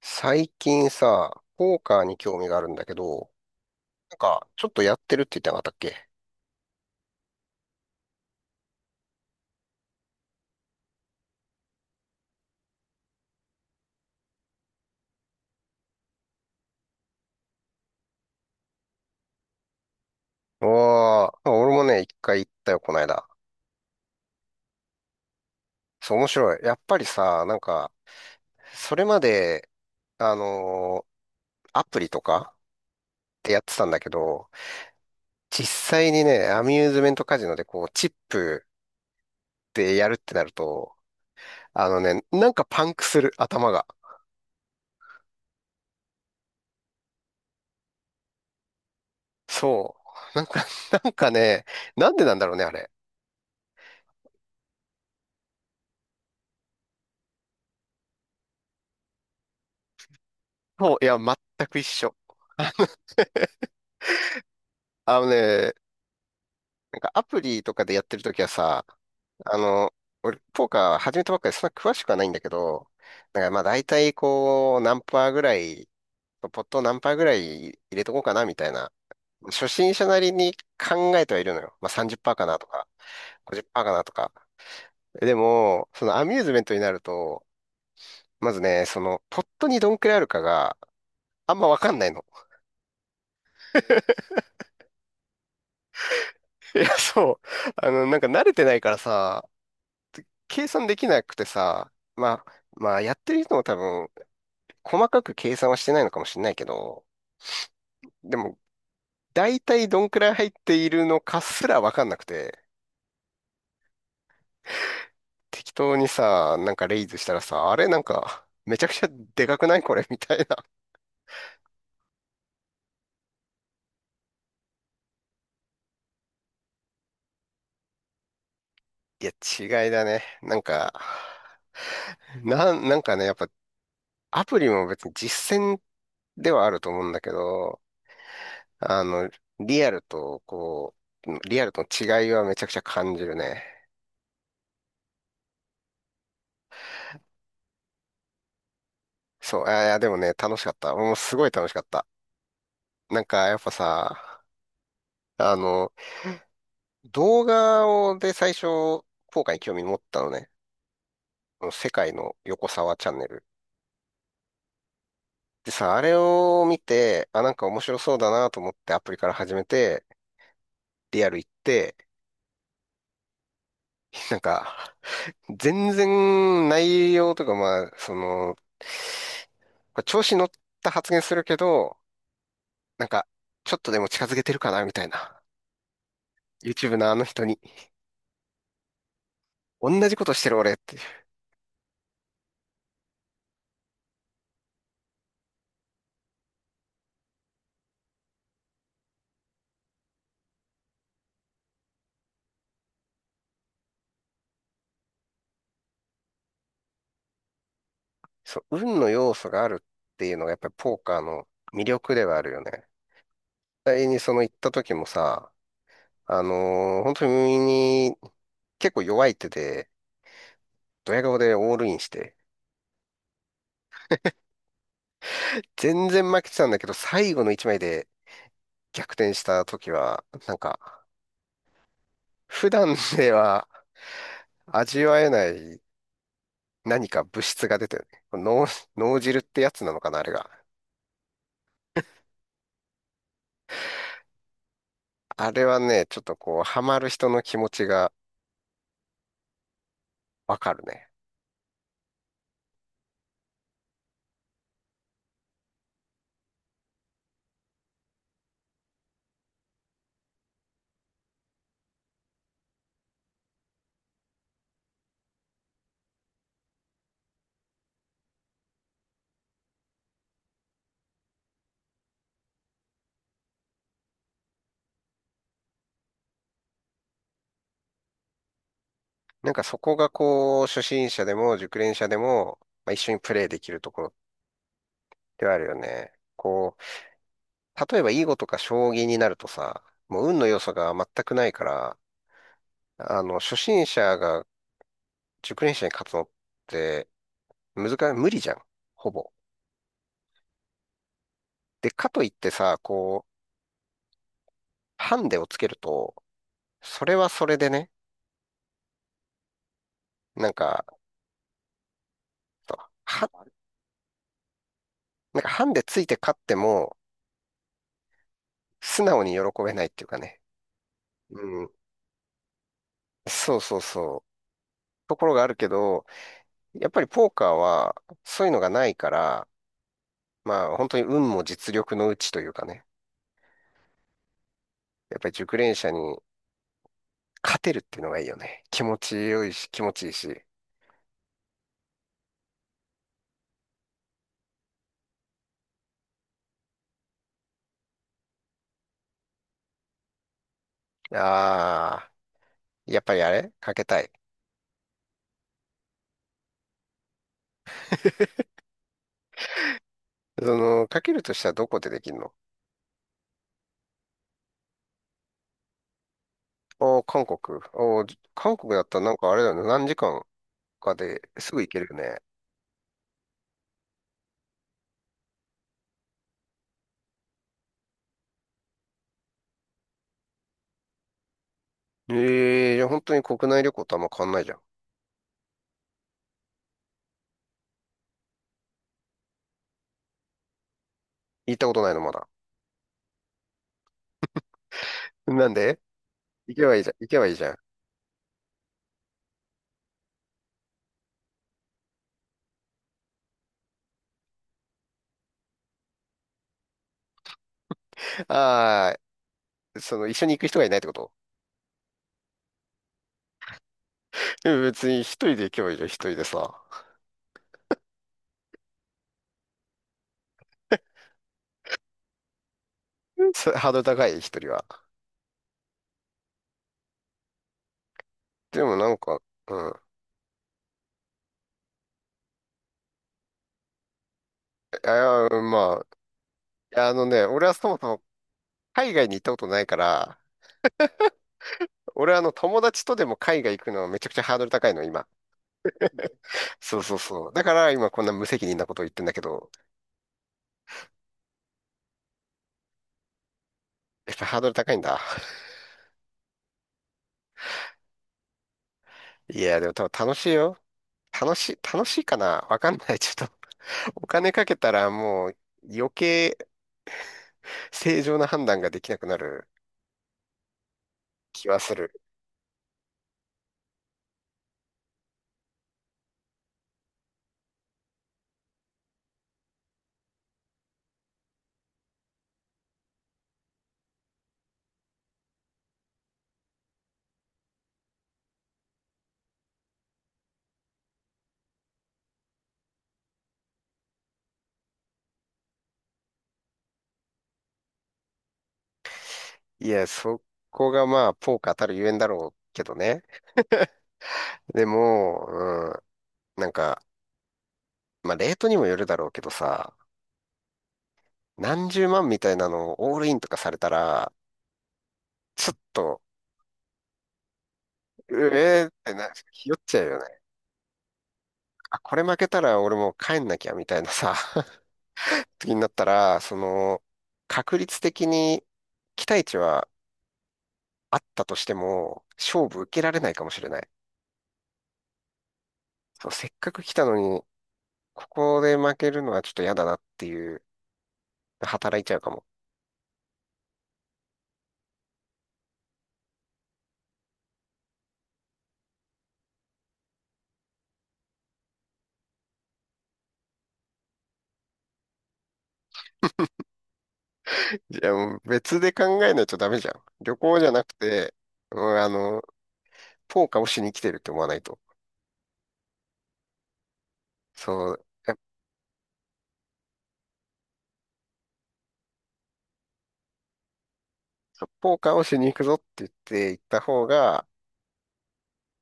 最近さ、ポーカーに興味があるんだけど、なんか、ちょっとやってるって言ってなかったっけ？おー、俺もね、一回行ったよ、この間。そう、面白い。やっぱりさ、なんか、それまで、あのアプリとかってやってたんだけど、実際にね、アミューズメントカジノでこう、チップでやるってなると、あのね、なんかパンクする、頭が。そう。なんかね、なんでなんだろうね、あれ。そう、いや、全く一緒。あのね、なんかアプリとかでやってるときはさ、あの、俺、ポーカー始めたばっかりでそんな詳しくはないんだけど、なんかまあ大体こう、何パーぐらい、ポットを何パーぐらい入れとこうかなみたいな、初心者なりに考えてはいるのよ。まあ30%かなとか、50%かなとか。でも、そのアミューズメントになると、まずね、その、ポットにどんくらいあるかが、あんまわかんないの。いや、そう。なんか慣れてないからさ、計算できなくてさ、まあ、まあ、やってる人も多分細かく計算はしてないのかもしれないけど、でも、大体どんくらい入っているのかすらわかんなくて、適当にさ、なんかレイズしたらさ、あれなんか、めちゃくちゃでかくないこれみたいな。いや、違いだね。なんかね、やっぱ、アプリも別に実践ではあると思うんだけど、あの、リアルと、こリアルとの違いはめちゃくちゃ感じるね。そう、あいや、でもね、楽しかった。もうすごい楽しかった。なんか、やっぱさ、あの、動画をで最初、効果に興味持ったのね。この世界の横沢チャンネル。でさ、あれを見て、あ、なんか面白そうだなと思ってアプリから始めて、リアル行って、なんか、全然内容とか、まあ、その、これ調子乗った発言するけど、なんか、ちょっとでも近づけてるかなみたいな。YouTube のあの人に。同じことしてる俺っていう。そう、運の要素があるっていうのがやっぱりポーカーの魅力ではあるよね。実際にその行った時もさ、本当に結構弱い手で、ドヤ顔でオールインして、全然負けてたんだけど、最後の一枚で逆転した時は、なんか、普段では味わえない何か物質が出てるね。脳汁ってやつなのかな、あれが。あれはね、ちょっとこう、ハマる人の気持ちがわかるね。なんかそこがこう、初心者でも熟練者でも、まあ、一緒にプレイできるところではあるよね。こう例えば囲碁とか将棋になるとさ、もう運の要素が全くないから、初心者が熟練者に勝つのって難い、無理じゃん。ほぼ。で、かといってさ、こう、ハンデをつけると、それはそれでね、なんか、は、なんかハンデついて勝っても、素直に喜べないっていうかね。うん。そうそうそう。ところがあるけど、やっぱりポーカーは、そういうのがないから、まあ、本当に運も実力のうちというかね。やっぱり熟練者に勝てるっていうのがいいよね。気持ち良いし、気持ちいいし。ああ、やっぱりあれかけたい。その、かけるとしたらどこでできるの？おー、韓国。おー、韓国だったらなんかあれだよね。何時間かですぐ行けるよね。ええー、じゃあ本当に国内旅行とあんま変わんないじゃん。行ったことないのまだ。なんで行けばいいじゃん。行けばいいじゃん。ああ、その、一緒に行く人がいないってこと？でも別に一人で行けばいいじゃん、一人でさ。ハードル高い、一人は。でもなんか、うん。ああ、まあ、いや、あのね、俺はそもそも海外に行ったことないから、俺はあの友達とでも海外行くのはめちゃくちゃハードル高いの、今。そうそうそう。だから今こんな無責任なことを言ってんだけど、やっぱハードル高いんだ。いや、でも多分楽しいよ。楽しいかなわかんない。ちょっと お金かけたらもう余計正常な判断ができなくなる気はする。いや、そこがまあ、ポーカーたるゆえんだろうけどね。でも、うん、なんか、まあ、レートにもよるだろうけどさ、何十万みたいなのをオールインとかされたら、ちょっと、うえーってな、ひよっちゃうよね。あ、これ負けたら俺もう帰んなきゃみたいなさ、時になったら、その、確率的に期待値はあったとしても、勝負受けられないかもしれない。そう、せっかく来たのに、ここで負けるのはちょっと嫌だなっていう、働いちゃうかも。いや、もう別で考えないとダメじゃん。旅行じゃなくて、うん、ポーカーをしに来てるって思わないと。そう。そうポーカーをしに行くぞって言って行った方が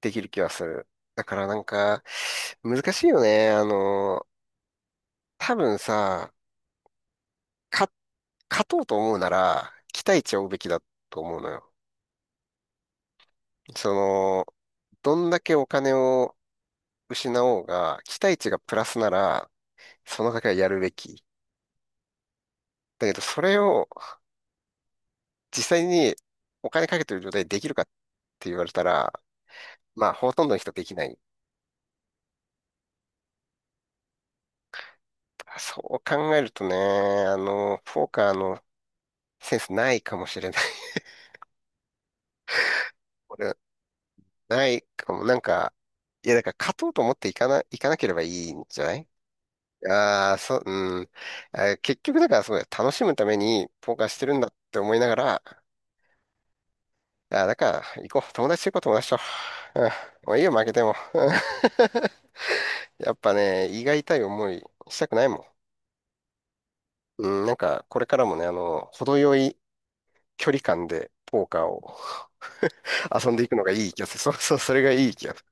できる気はする。だからなんか、難しいよね。多分さ、か、勝とうと思うなら、期待値を追うべきだと思うのよ。その、どんだけお金を失おうが、期待値がプラスなら、その賭けはやるべき。だけど、それを実際にお金かけてる状態でできるかって言われたら、まあ、ほとんどの人できない。そう考えるとね、ポーカーのセンスないかもしれない 俺はないかも。なんか、いや、だから勝とうと思っていかなければいいんじゃない？ああー、そう、うん。結局だからそうだよ。楽しむためにポーカーしてるんだって思いながら、だから行こう。友達と行こう、友達と。うん。もういいよ、負けても。うん やっぱね、胃が痛い思いしたくないもん。うん、なんか、これからもね、程よい距離感でポーカーを 遊んでいくのがいい気がする。そうそう、それがいい気がする。